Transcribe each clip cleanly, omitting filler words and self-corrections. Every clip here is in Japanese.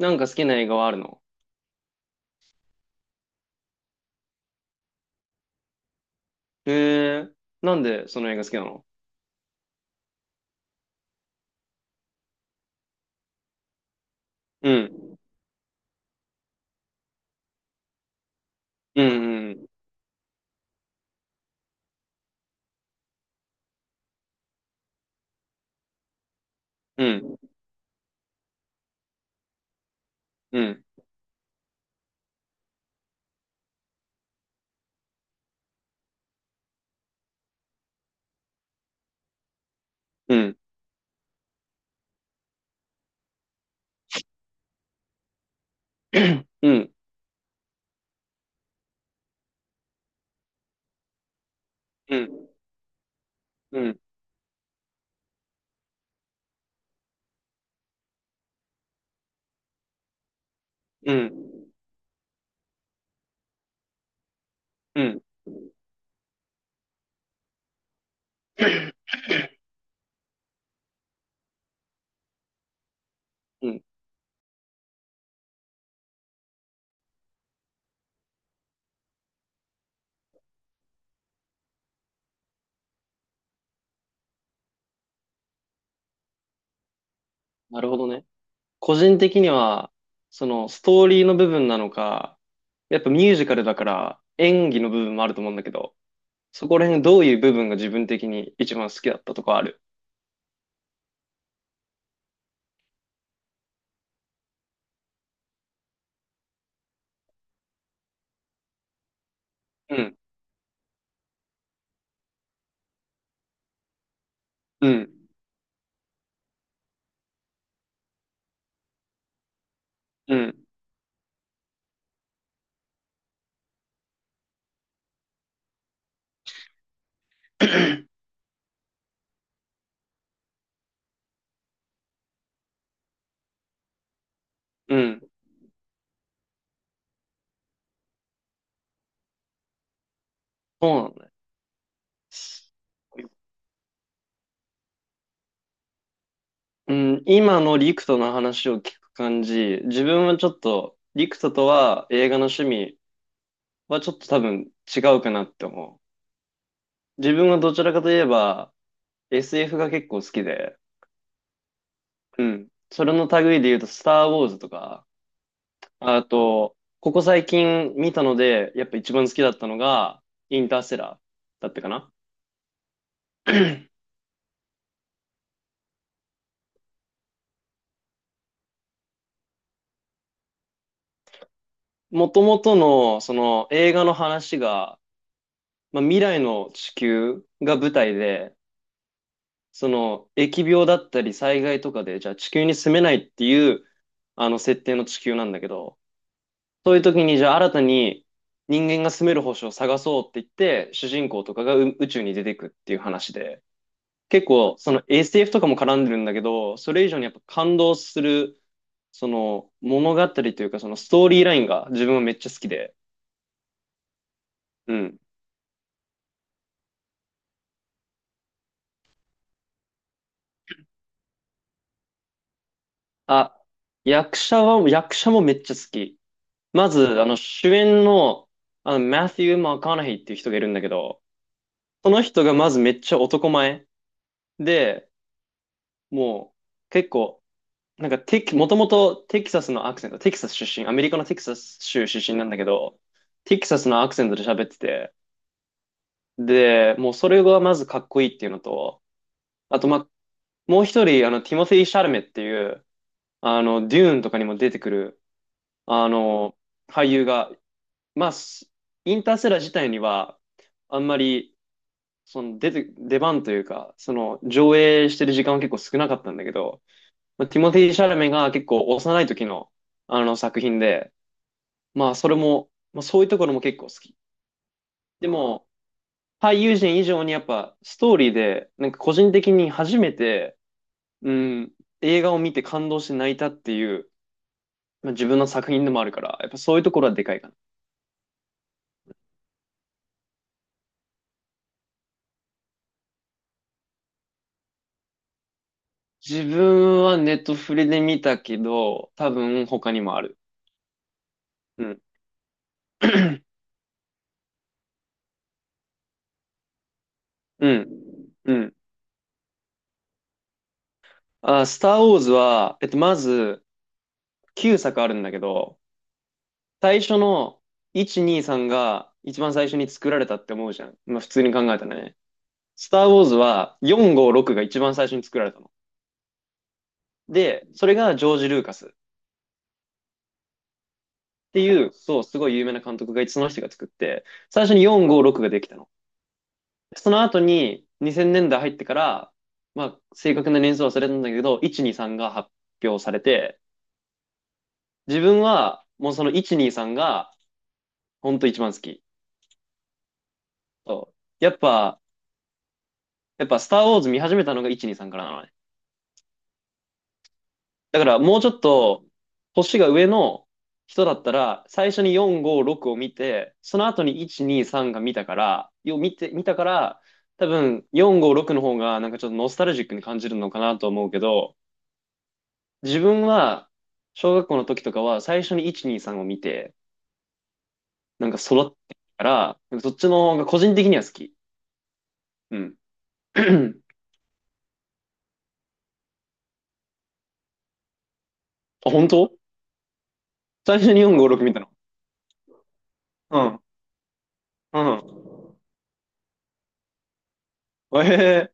なんか好きな映画はあるの？へえ。なんでその映画好きなの？うん。うん。うん。うん。うん。うん。うん。うん。うん。うん。うん。なるほどね。個人的には、そのストーリーの部分なのか、やっぱミュージカルだから演技の部分もあると思うんだけど、そこら辺どういう部分が自分的に一番好きだったとかある？うん。うん。うん。うん。そうなんだ。うん、今のリクトの話を聞く感じ、自分はちょっと、リクトとは映画の趣味はちょっと多分違うかなって思う。自分はどちらかといえば SF が結構好きで、うん。それの類で言うと、スター・ウォーズとか、あと、ここ最近見たので、やっぱ一番好きだったのが、インターステラーだったかな。もともとの、その映画の話が、まあ、未来の地球が舞台で、その、疫病だったり災害とかで、じゃあ地球に住めないっていう、あの、設定の地球なんだけど、そういう時に、じゃあ新たに人間が住める星を探そうって言って、主人公とかが宇宙に出てくっていう話で、結構、その SF とかも絡んでるんだけど、それ以上にやっぱ感動する、その、物語というか、そのストーリーラインが自分はめっちゃ好きで、うん。あ、役者もめっちゃ好き。まず、あの、主演の、あの、マティュー・マカナヒーっていう人がいるんだけど、その人がまずめっちゃ男前で、もう、結構、なんかテキ、もともとテキサスのアクセント、テキサス出身、アメリカのテキサス州出身なんだけど、テキサスのアクセントで喋ってて、で、もうそれがまずかっこいいっていうのと、あと、まあ、もう一人、あの、ティモシー・シャルメっていう、あの、デューンとかにも出てくる、あの、俳優が、まあ、インターセラー自体には、あんまり、出番というか、その上映してる時間は結構少なかったんだけど、まあ、ティモティ・シャラメが結構幼い時のあの作品で、まあそれも、まあそういうところも結構好き。でも、俳優陣以上にやっぱストーリーで、なんか個人的に初めて、うん、映画を見て感動して泣いたっていう、まあ、自分の作品でもあるから、やっぱそういうところはでかいかな。自分はネットフリで見たけど、多分他にもある。うん。うん。うん。あ、スター・ウォーズは、えっと、まず、9作あるんだけど、最初の1、2、3が一番最初に作られたって思うじゃん。まあ、普通に考えたらね。スター・ウォーズは4、5、6が一番最初に作られたの。で、それがジョージ・ルーカスっていう、そう、すごい有名な監督がいて、その人が作って、最初に4、5、6ができたの。その後に2000年代入ってから、まあ、正確な年数は忘れたんだけど、1、2、3が発表されて、自分はもうその1、2、3が本当一番好き。そうやっぱ、やっぱスターウォーズ見始めたのが123からなのね。だからもうちょっと、星が上の人だったら、最初に4、5、6を見て、その後に1、2、3が見たから、よ、見て、見たから、多分4、5、6の方がなんかちょっとノスタルジックに感じるのかなと思うけど、自分は、小学校の時とかは最初に1、2、3を見て、なんか育ってきたから、なんかそっちの方が個人的には好き。うん。あ、本当最初に4、5、6見たの？うん。うん。ええ、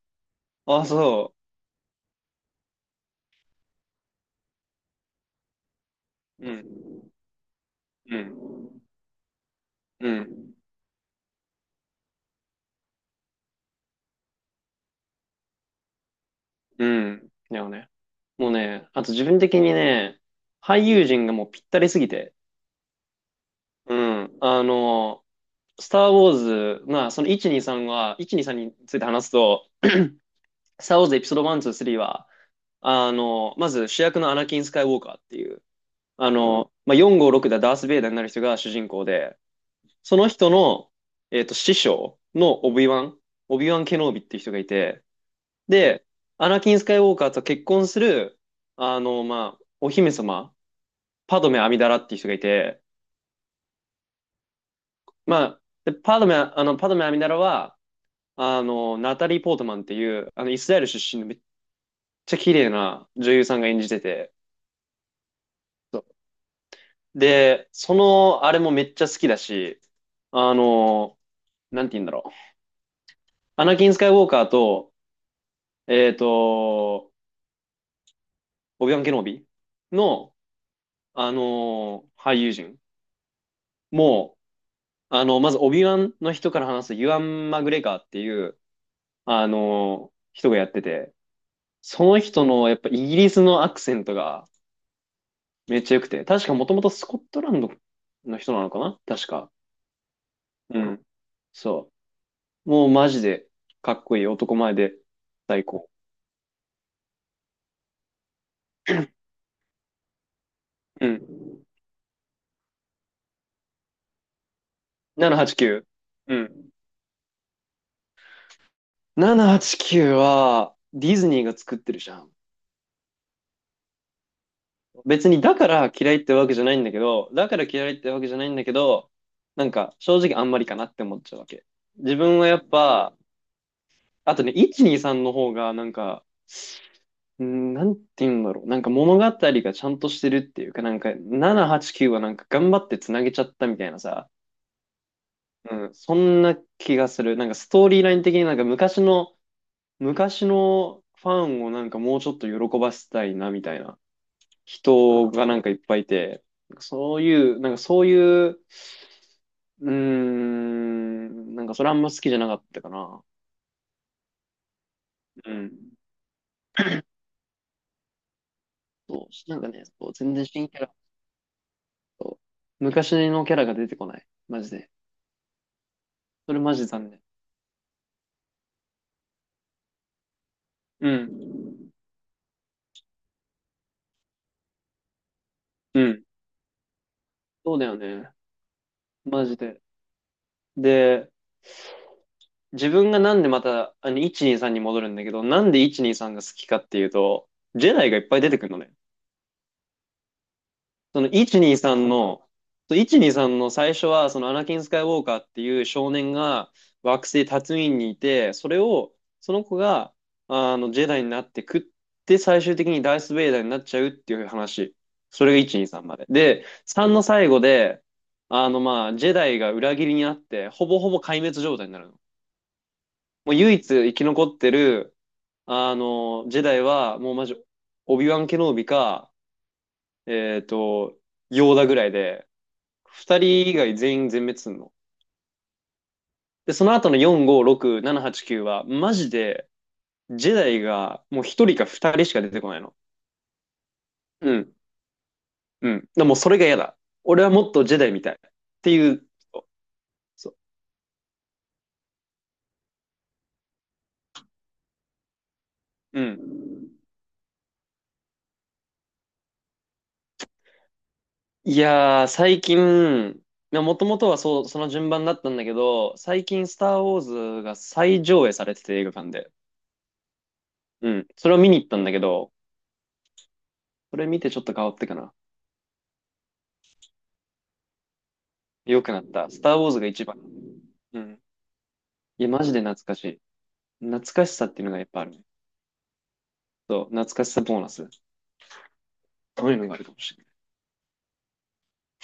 あ、そう。うん。うん。うん。うん。だよね。もうね、あと自分的にね、俳優陣がもうぴったりすぎて。うん。あの、スター・ウォーズ、まあ、1、2、3について話すと、スター・ウォーズエピソード1、2、3は、あの、まず主役のアナキン・スカイ・ウォーカーっていう、あの、まあ、4、5、6でダース・ベイダーになる人が主人公で、その人の、えっと、師匠のオビワン、オビワン・ケノービっていう人がいて、で、アナキン・スカイウォーカーと結婚する、あの、まあ、お姫様、パドメ・アミダラっていう人がいて、まあ、でパドメ・アミダラは、あの、ナタリー・ポートマンっていう、あの、イスラエル出身のめっちゃ綺麗な女優さんが演じてて、そうで、その、あれもめっちゃ好きだし、あの、なんて言うんだろう。アナキン・スカイウォーカーと、えっと、オビワン・ケノービの、あの、俳優陣も、あの、まず、オビワンの人から話すユアン・マグレガーっていう、あの、人がやってて、その人の、やっぱイギリスのアクセントがめっちゃ良くて、確かもともとスコットランドの人なのかな確か。うん。そう。もうマジでかっこいい。男前で最高。うん。789。うん。789はちきゅうは、ディズニーが作ってるじゃん。別にだから嫌いってわけじゃないんだけど、だから嫌いってわけじゃないんだけど、なんか正直あんまりかなって思っちゃうわけ。自分はやっぱ、あとね、1、2、3の方がなんか、うーん、なんて言うんだろう。なんか物語がちゃんとしてるっていうか、なんか7、8、9はなんか頑張ってつなげちゃったみたいなさ、うん、そんな気がする。なんかストーリーライン的になんか昔のファンをなんかもうちょっと喜ばせたいなみたいな。人がなんかいっぱいいて、そういう、なんかそういう、うーん、なんかそれあんま好きじゃなかったかな。うん。そう、なんかね、そう、全然新キャラと、昔のキャラが出てこない。マジで。それマジ残念。うん。うん。そうだよね。マジで。で、自分がなんでまた、あの、123に戻るんだけど、なんで123が好きかっていうと、ジェダイがいっぱい出てくるのね。その123の、そう1 2の最初は、そのアナキン・スカイウォーカーっていう少年が惑星タツインにいて、それを、その子が、あの、ジェダイになってくって、最終的にダース・ベイダーになっちゃうっていう話。それが123まで。で、3の最後で、あの、まあ、ジェダイが裏切りにあって、ほぼほぼ壊滅状態になるの。もう唯一生き残ってる、あの、ジェダイは、もうマジ、オビワン・ケノービか、えっと、ヨーダぐらいで、二人以外全員全滅すんの。で、その後の4、5、6、7、8、9は、マジで、ジェダイがもう一人か二人しか出てこないの。うん。うん。だからもうそれが嫌だ。俺はもっとジェダイみたい。っていう人。そう。うん。いやー、最近、もともとはそう、その順番だったんだけど、最近、スター・ウォーズが再上映されてて映画館で。うん。それを見に行ったんだけど、それ見てちょっと変わってかな。良くなった。スター・ウォーズが一番。うん。いや、マジで懐かしい。懐かしさっていうのがやっぱあるね。そう、懐かしさボーナス。そういうのがあるかもしれない。